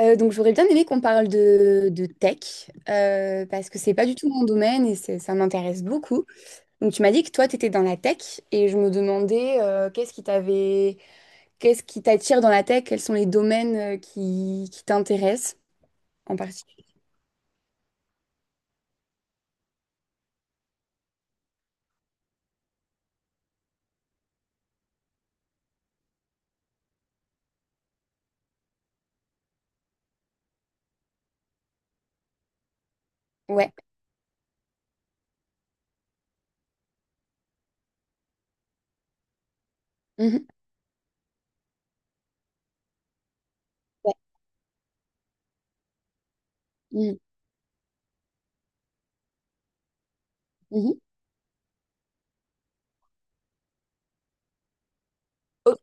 Donc j'aurais bien aimé qu'on parle de tech, parce que c'est pas du tout mon domaine et ça m'intéresse beaucoup. Donc tu m'as dit que toi, tu étais dans la tech et je me demandais qu'est-ce qui t'attire dans la tech, quels sont les domaines qui t'intéressent en particulier. Ouais. Mhm. Ouais. Mhm. Mhm. O-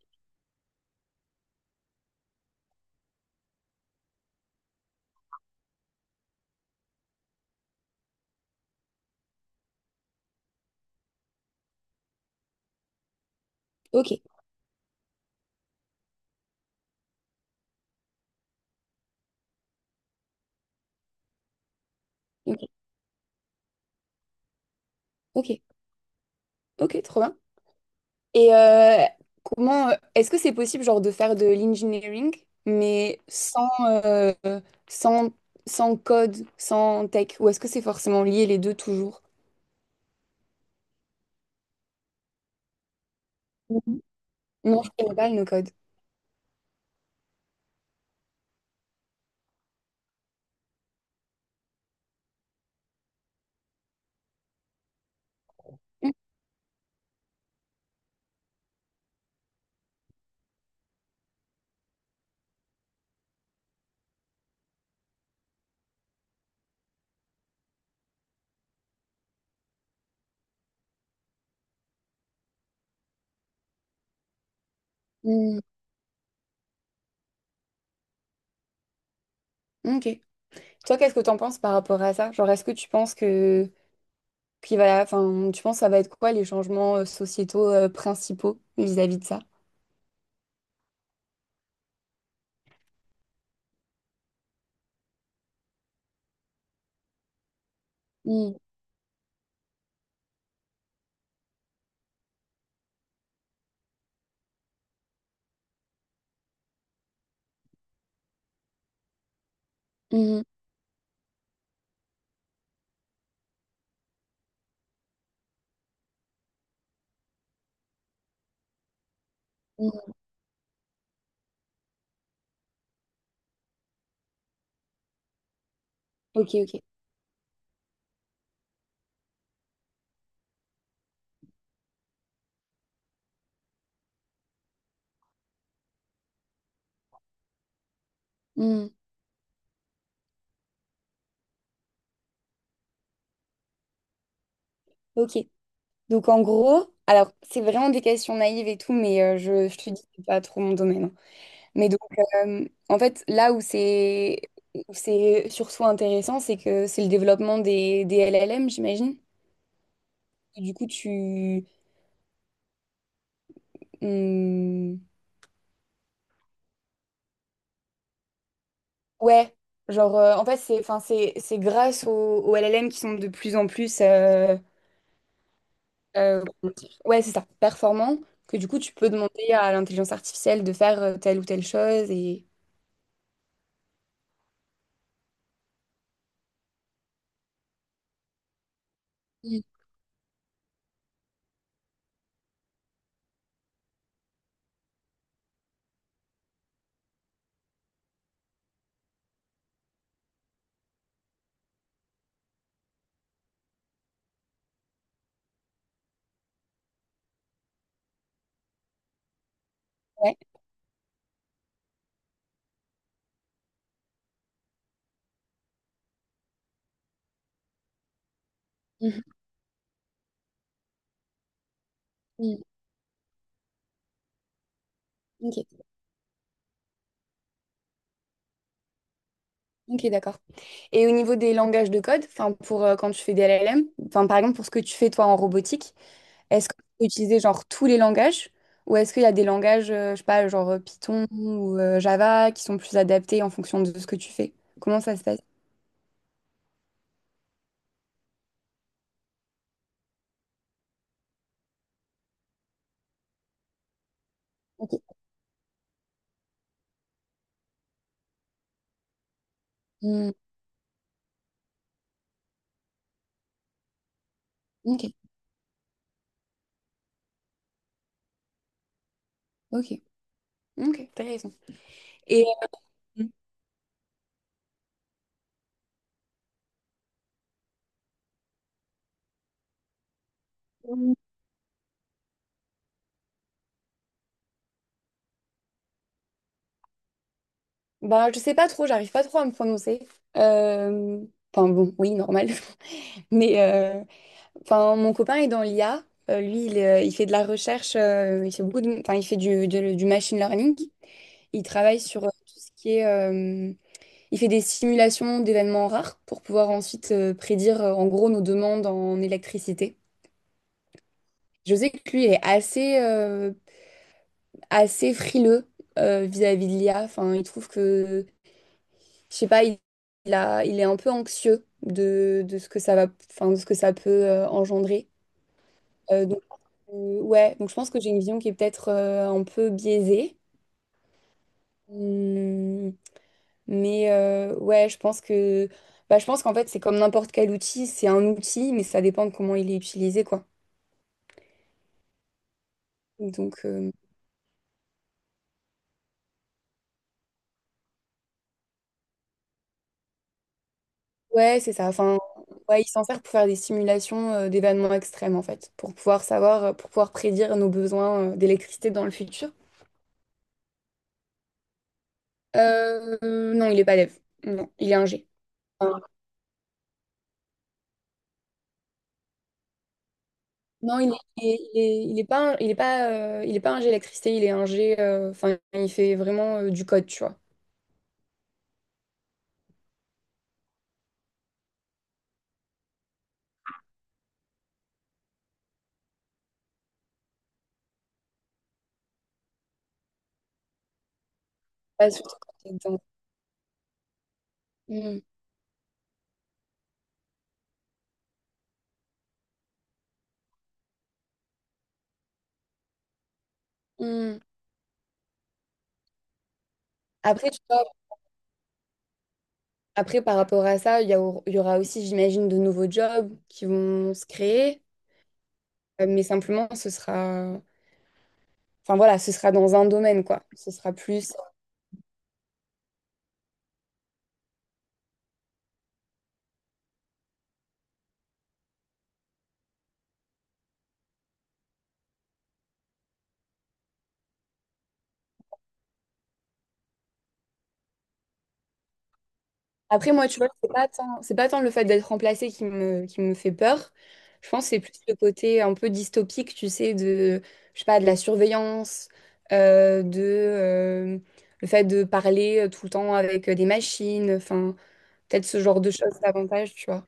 Ok. Ok. Ok. Ok. Trop bien. Et comment est-ce que c'est possible genre de faire de l'engineering mais sans euh, sans sans code, sans tech, ou est-ce que c'est forcément lié les deux toujours? Mhm. Non, je connais pas le no-code. Mhm. Ok. Toi, qu'est-ce que t'en penses par rapport à ça? Genre, est-ce que tu penses que tu penses que ça va être quoi les changements sociétaux principaux vis-à-vis de ça? Mhm. Mhm. Mhm. Ok, ok. Mhm. Ok. Donc en gros, alors c'est vraiment des questions naïves et tout, mais je te dis, c'est pas trop mon domaine, hein. Mais donc en fait, là où c'est surtout intéressant, c'est que c'est le développement des LLM, j'imagine. Et du coup, tu... hum, ouais, genre en fait, c'est enfin, c'est grâce aux LLM qui sont de plus en plus... comment dire ouais, c'est ça, performants, que du coup, tu peux demander à l'intelligence artificielle de faire telle ou telle chose et... Mm. Ouais. Mhm. Mm. Ok. Ok, d'accord. Et au niveau des langages de code, enfin pour quand tu fais des LLM, enfin par exemple pour ce que tu fais toi en robotique, est-ce que tu peux utiliser genre tous les langages ou est-ce qu'il y a des langages, je sais pas, genre Python ou Java qui sont plus adaptés en fonction de ce que tu fais? Comment ça se passe? Ok. Hmm, ok, ok, ok, t'as raison. Et bah je sais pas trop, j'arrive pas trop à me prononcer. Euh, Enfin bon, oui, normal. Mais enfin, mon copain est dans l'IA. Lui, il fait de la recherche, il fait du machine learning. Il travaille sur tout ce qui est, il fait des simulations d'événements rares pour pouvoir ensuite prédire, en gros, nos demandes en électricité. Je sais que lui, il est assez frileux vis-à-vis de l'IA. Enfin, il trouve que, je sais pas, il a, il est un peu anxieux de ce que ça va, enfin, de ce que ça peut engendrer. Donc, ouais, donc je pense que j'ai une vision qui est peut-être un peu biaisée. Hmm, mais ouais, je pense que je pense qu'en fait, c'est comme n'importe quel outil, c'est un outil, mais ça dépend de comment il est utilisé, quoi. Donc ouais, c'est ça. Enfin, ouais, il s'en sert pour faire des simulations d'événements extrêmes, en fait, pour pouvoir savoir, pour pouvoir prédire nos besoins d'électricité dans le futur. Non, il est pas dev. Non, il est ingé. Non, il est, il est, il est pas, il est pas, il est pas ingé électricité, il est ingé, il fait vraiment du code, tu vois. Pas surtout quand t'es dedans. Mm. Mm. Après, tu vois, après, par rapport à ça, il y aura aussi, j'imagine, de nouveaux jobs qui vont se créer, mais simplement, ce sera, enfin voilà, ce sera dans un domaine, quoi. Ce sera plus. Après, moi, tu vois, c'est pas tant le fait d'être remplacé qui me fait peur. Je pense que c'est plus le côté un peu dystopique, tu sais, je sais pas, de la surveillance, euh, de, euh, le fait de parler tout le temps avec des machines, enfin, peut-être ce genre de choses davantage, tu vois.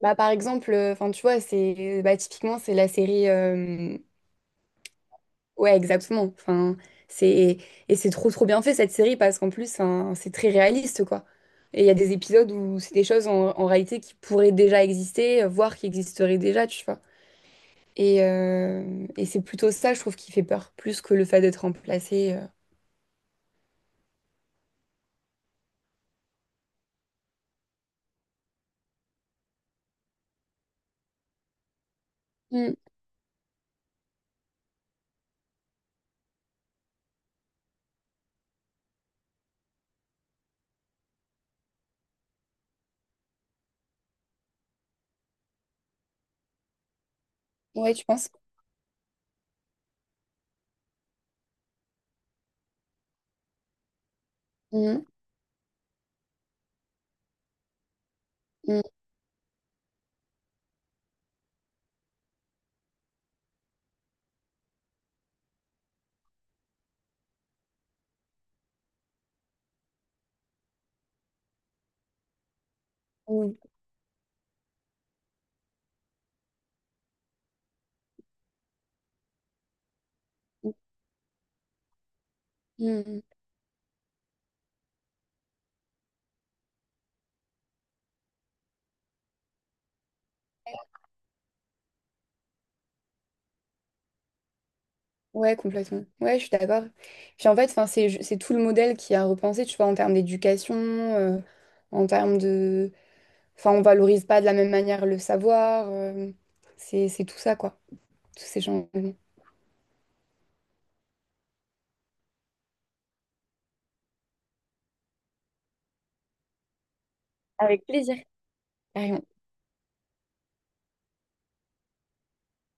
Bah, par exemple, tu vois, typiquement, c'est la série ouais, exactement. Enfin, c'est et c'est trop trop bien fait cette série parce qu'en plus hein, c'est très réaliste quoi. Et il y a des épisodes où c'est des choses en réalité qui pourraient déjà exister, voire qui existeraient déjà, tu vois. Et c'est plutôt ça, je trouve, qui fait peur, plus que le fait d'être remplacé, euh. Mm. Ouais, tu penses? Mm, mm, mm, mm, mm. Ouais, complètement. Ouais, je suis d'accord. Puis en fait, enfin, c'est tout le modèle qui a repensé, tu vois, en termes d'éducation, en termes de enfin, on valorise pas de la même manière le savoir, c'est tout ça, quoi. Tous ces gens. Avec plaisir.